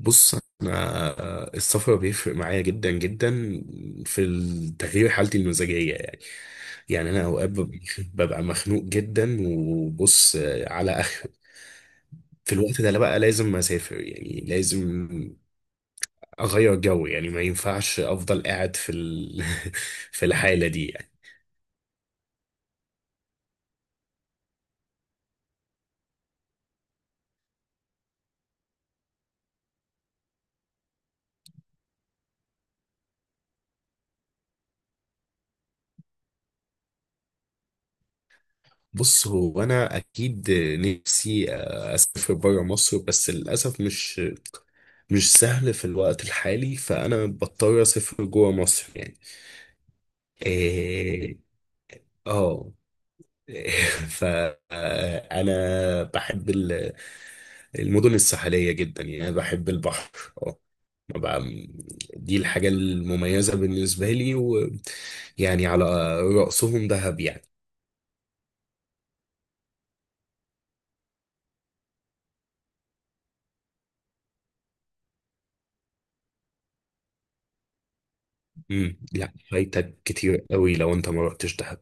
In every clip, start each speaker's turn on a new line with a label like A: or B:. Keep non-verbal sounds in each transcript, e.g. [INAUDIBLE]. A: بص، انا السفر بيفرق معايا جدا جدا في تغيير حالتي المزاجيه يعني. يعني انا اوقات [LAUGHS] ببقى مخنوق جدا، وبص على اخر في الوقت ده، لا بقى لازم اسافر، يعني لازم اغير جو. يعني ما ينفعش افضل قاعد في [LAUGHS] في الحاله دي يعني. بص، هو انا اكيد نفسي اسافر بره مصر، بس للاسف مش سهل في الوقت الحالي، فانا بضطر اسافر جوه مصر يعني. إيه، اه. [LAUGHS] فانا بحب المدن الساحليه جدا، يعني بحب البحر. اه. ما بقى- دي الحاجه المميزه بالنسبه لي، ويعني على رأسهم دهب يعني. لا، فايتك كتير قوي لو انت ما رحتش دهب.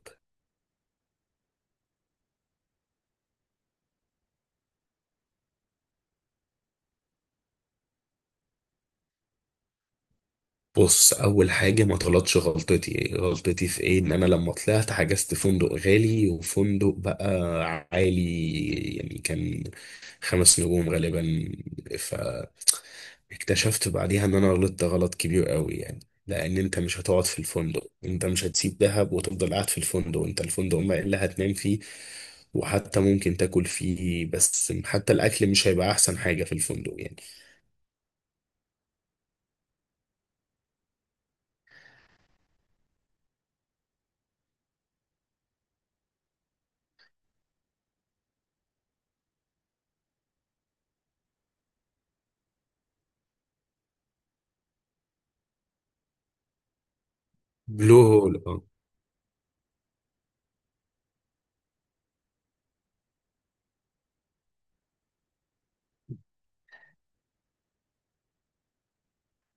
A: بص، اول حاجه ما تغلطش غلطتي. غلطتي في ايه؟ ان انا لما طلعت حجزت فندق غالي، وفندق بقى عالي يعني، كان خمس نجوم غالبا. فاكتشفت بعديها ان انا غلطت غلط كبير قوي يعني، لان انت مش هتقعد في الفندق. انت مش هتسيب دهب وتفضل قاعد في الفندق. انت الفندق ما اللي هتنام فيه، وحتى ممكن تاكل فيه، بس حتى الاكل مش هيبقى احسن حاجه في الفندق يعني. بلو هول.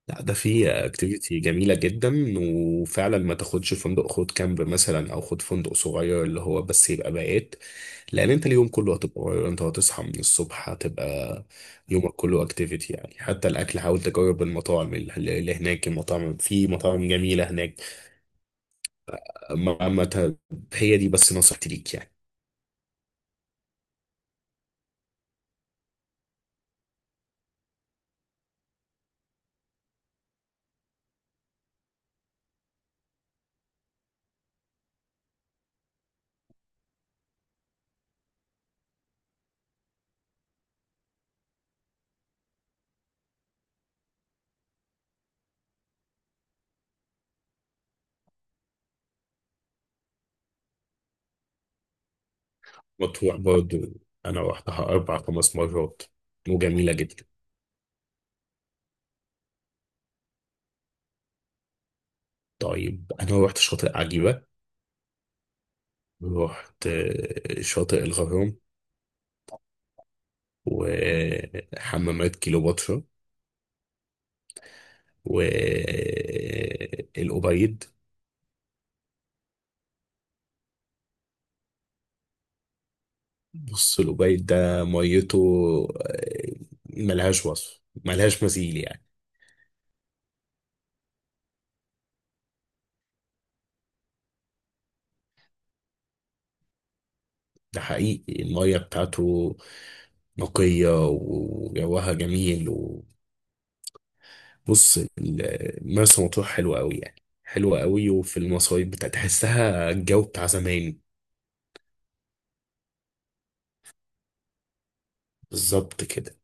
A: لا، ده في اكتيفيتي جميلة جدا. وفعلا ما تاخدش فندق، خد كامب مثلا او خد فندق صغير، اللي هو بس يبقى بقيت. لان انت اليوم كله هتبقى غير، انت هتصحى من الصبح، هتبقى يومك كله اكتيفيتي يعني. حتى الاكل حاول تجرب المطاعم اللي هناك، المطاعم، في مطاعم جميلة هناك. ما ما ت- هي دي بس نصيحتي ليك يعني. مطروح برضو، انا روحتها اربع خمس مرات، وجميلة جدا. طيب، انا روحت شاطئ عجيبة، رحت شاطئ الغرام، وحمامات كيلوباترا، والأوبايد. بص الأوبايد ده ميته، آه، ملهاش وصف، ملهاش مثيل يعني. ده حقيقي، المية بتاعته نقية، وجوها جميل. وبص، مرسى مطروح حلوة أوي يعني، حلوة أوي، وفي المصايف بتاع تحسها الجو بتاع زمان. بالظبط كده.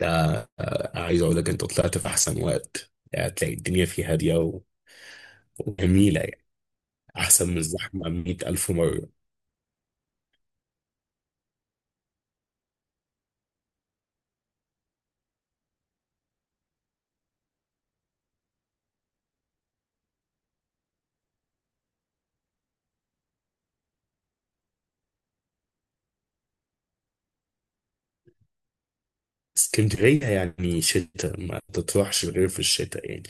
A: ده عايز أقول لك، أنت طلعت في أحسن وقت يعني، هتلاقي الدنيا فيه هادية وجميلة يعني. أحسن من الزحمة مية ألف مرة. اسكندرية يعني شتاء، ما تطرحش غير في الشتاء يعني.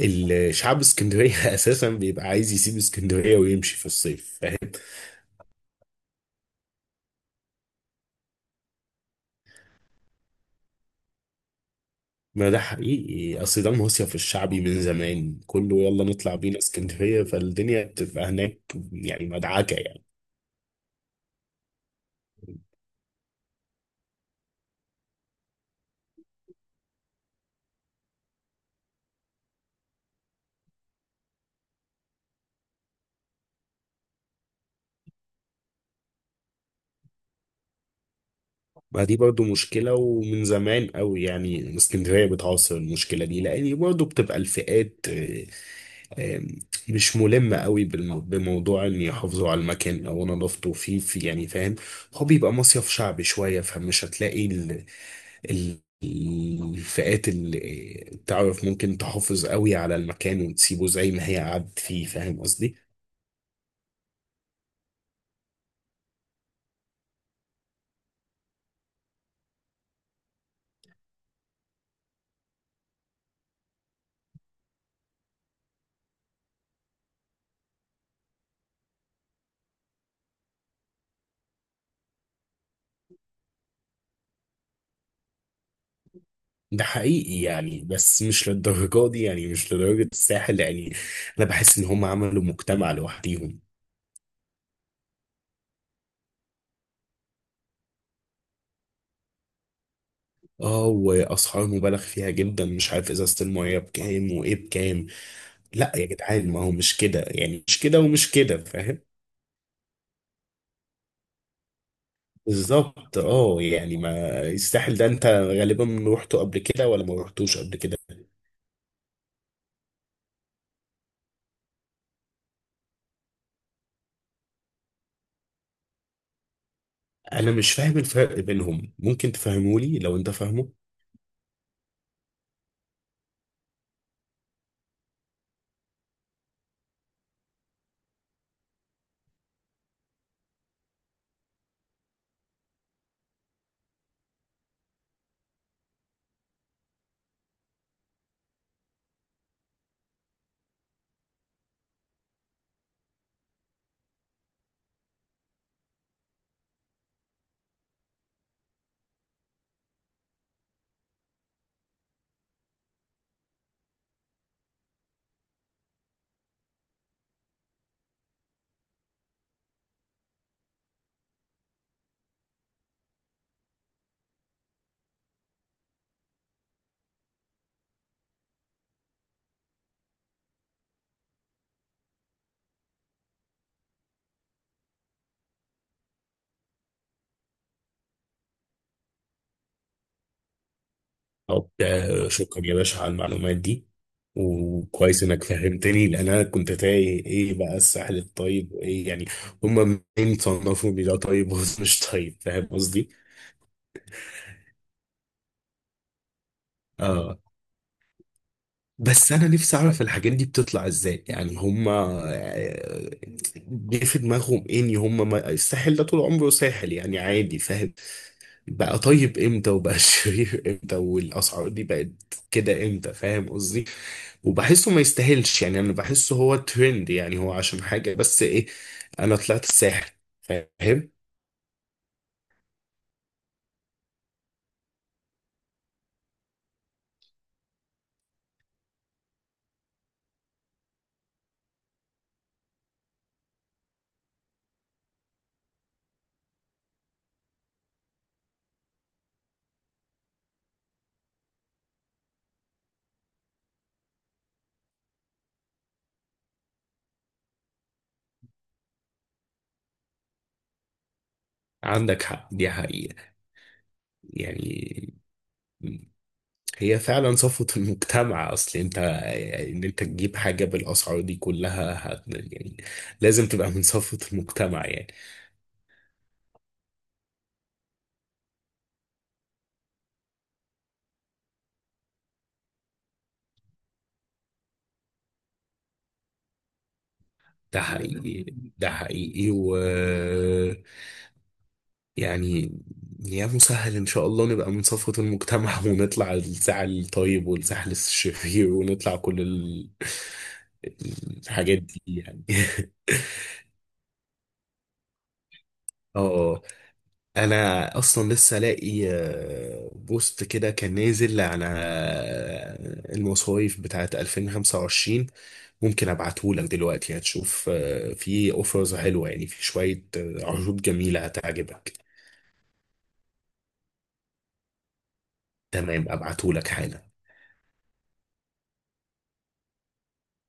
A: الشعب اسكندرية [LAUGHS] أساسا بيبقى عايز يسيب اسكندرية ويمشي في الصيف، فاهم؟ ما ده حقيقي، أصل ده مصيف الشعبي من زمان، كله يلا نطلع بينا اسكندرية، فالدنيا بتبقى هناك يعني، مدعكة يعني. ما دي برضو مشكلة ومن زمان قوي يعني، اسكندرية بتعاصر المشكلة دي، لأن برضو بتبقى الفئات آه، مش ملمة قوي بموضوع إن يحافظوا على المكان أو نظافته، فيه في يعني، فاهم؟ هو بيبقى مصيف شعبي شوية، فمش هتلاقي ال الفئات اللي تعرف ممكن تحافظ قوي على المكان وتسيبه زي ما هي قعدت فيه. فاهم قصدي؟ ده حقيقي يعني، بس مش للدرجة دي يعني، مش لدرجة الساحل يعني. أنا بحس إن هم عملوا مجتمع لوحديهم. اه، وأسعار مبالغ فيها جدا، مش عارف إزازة المية بكام وإيه بكام. لا يا جدعان، ما هو مش كده يعني، مش كده ومش كده، فاهم؟ بالظبط اه، يعني ما الساحل ده أنت غالبا روحته قبل كده ولا ما روحتوش قبل كده؟ أنا مش فاهم الفرق بينهم، ممكن تفهمولي لو أنت فاهمه؟ وبتاع، شكرا يا باشا على المعلومات دي. وكويس انك فهمتني، لان انا كنت تايه ايه بقى الساحل الطيب وايه يعني، هما منين صنفوا ان ده طيب وده مش طيب؟ فاهم قصدي؟ اه. بس انا نفسي اعرف الحاجات دي بتطلع ازاي يعني، هما آه، جه في دماغهم ايه؟ ان هما ما... الساحل ده طول عمره ساحل يعني، عادي، فاهم؟ بقى طيب امتى، وبقى [LAUGHS] شرير امتى، والاسعار دي بقت كده امتى؟ فاهم قصدي؟ وبحسه ما يستاهلش يعني، انا بحسه هو ترند يعني، هو عشان حاجة بس، ايه؟ انا طلعت الساحل، فاهم؟ عندك حق، دي حقيقة يعني، هي فعلا صفوة المجتمع. اصل انت ان انت تجيب حاجة بالاسعار دي كلها يعني لازم تبقى من صفوة المجتمع يعني. ده حقيقي، ده حقيقي و يعني، يا مسهل ان شاء الله نبقى من صفوة المجتمع [LAUGHS] ونطلع الساعة الطيب والساعة الشرير، ونطلع كل الحاجات دي يعني. [LAUGHS] اه، انا اصلا لسه لاقي بوست كده كان نازل على المصايف بتاعت 2025، ممكن ابعته لك دلوقتي، هتشوف في اوفرز حلوة يعني، في شوية عروض جميلة هتعجبك. تمام، ابعته لك حالا.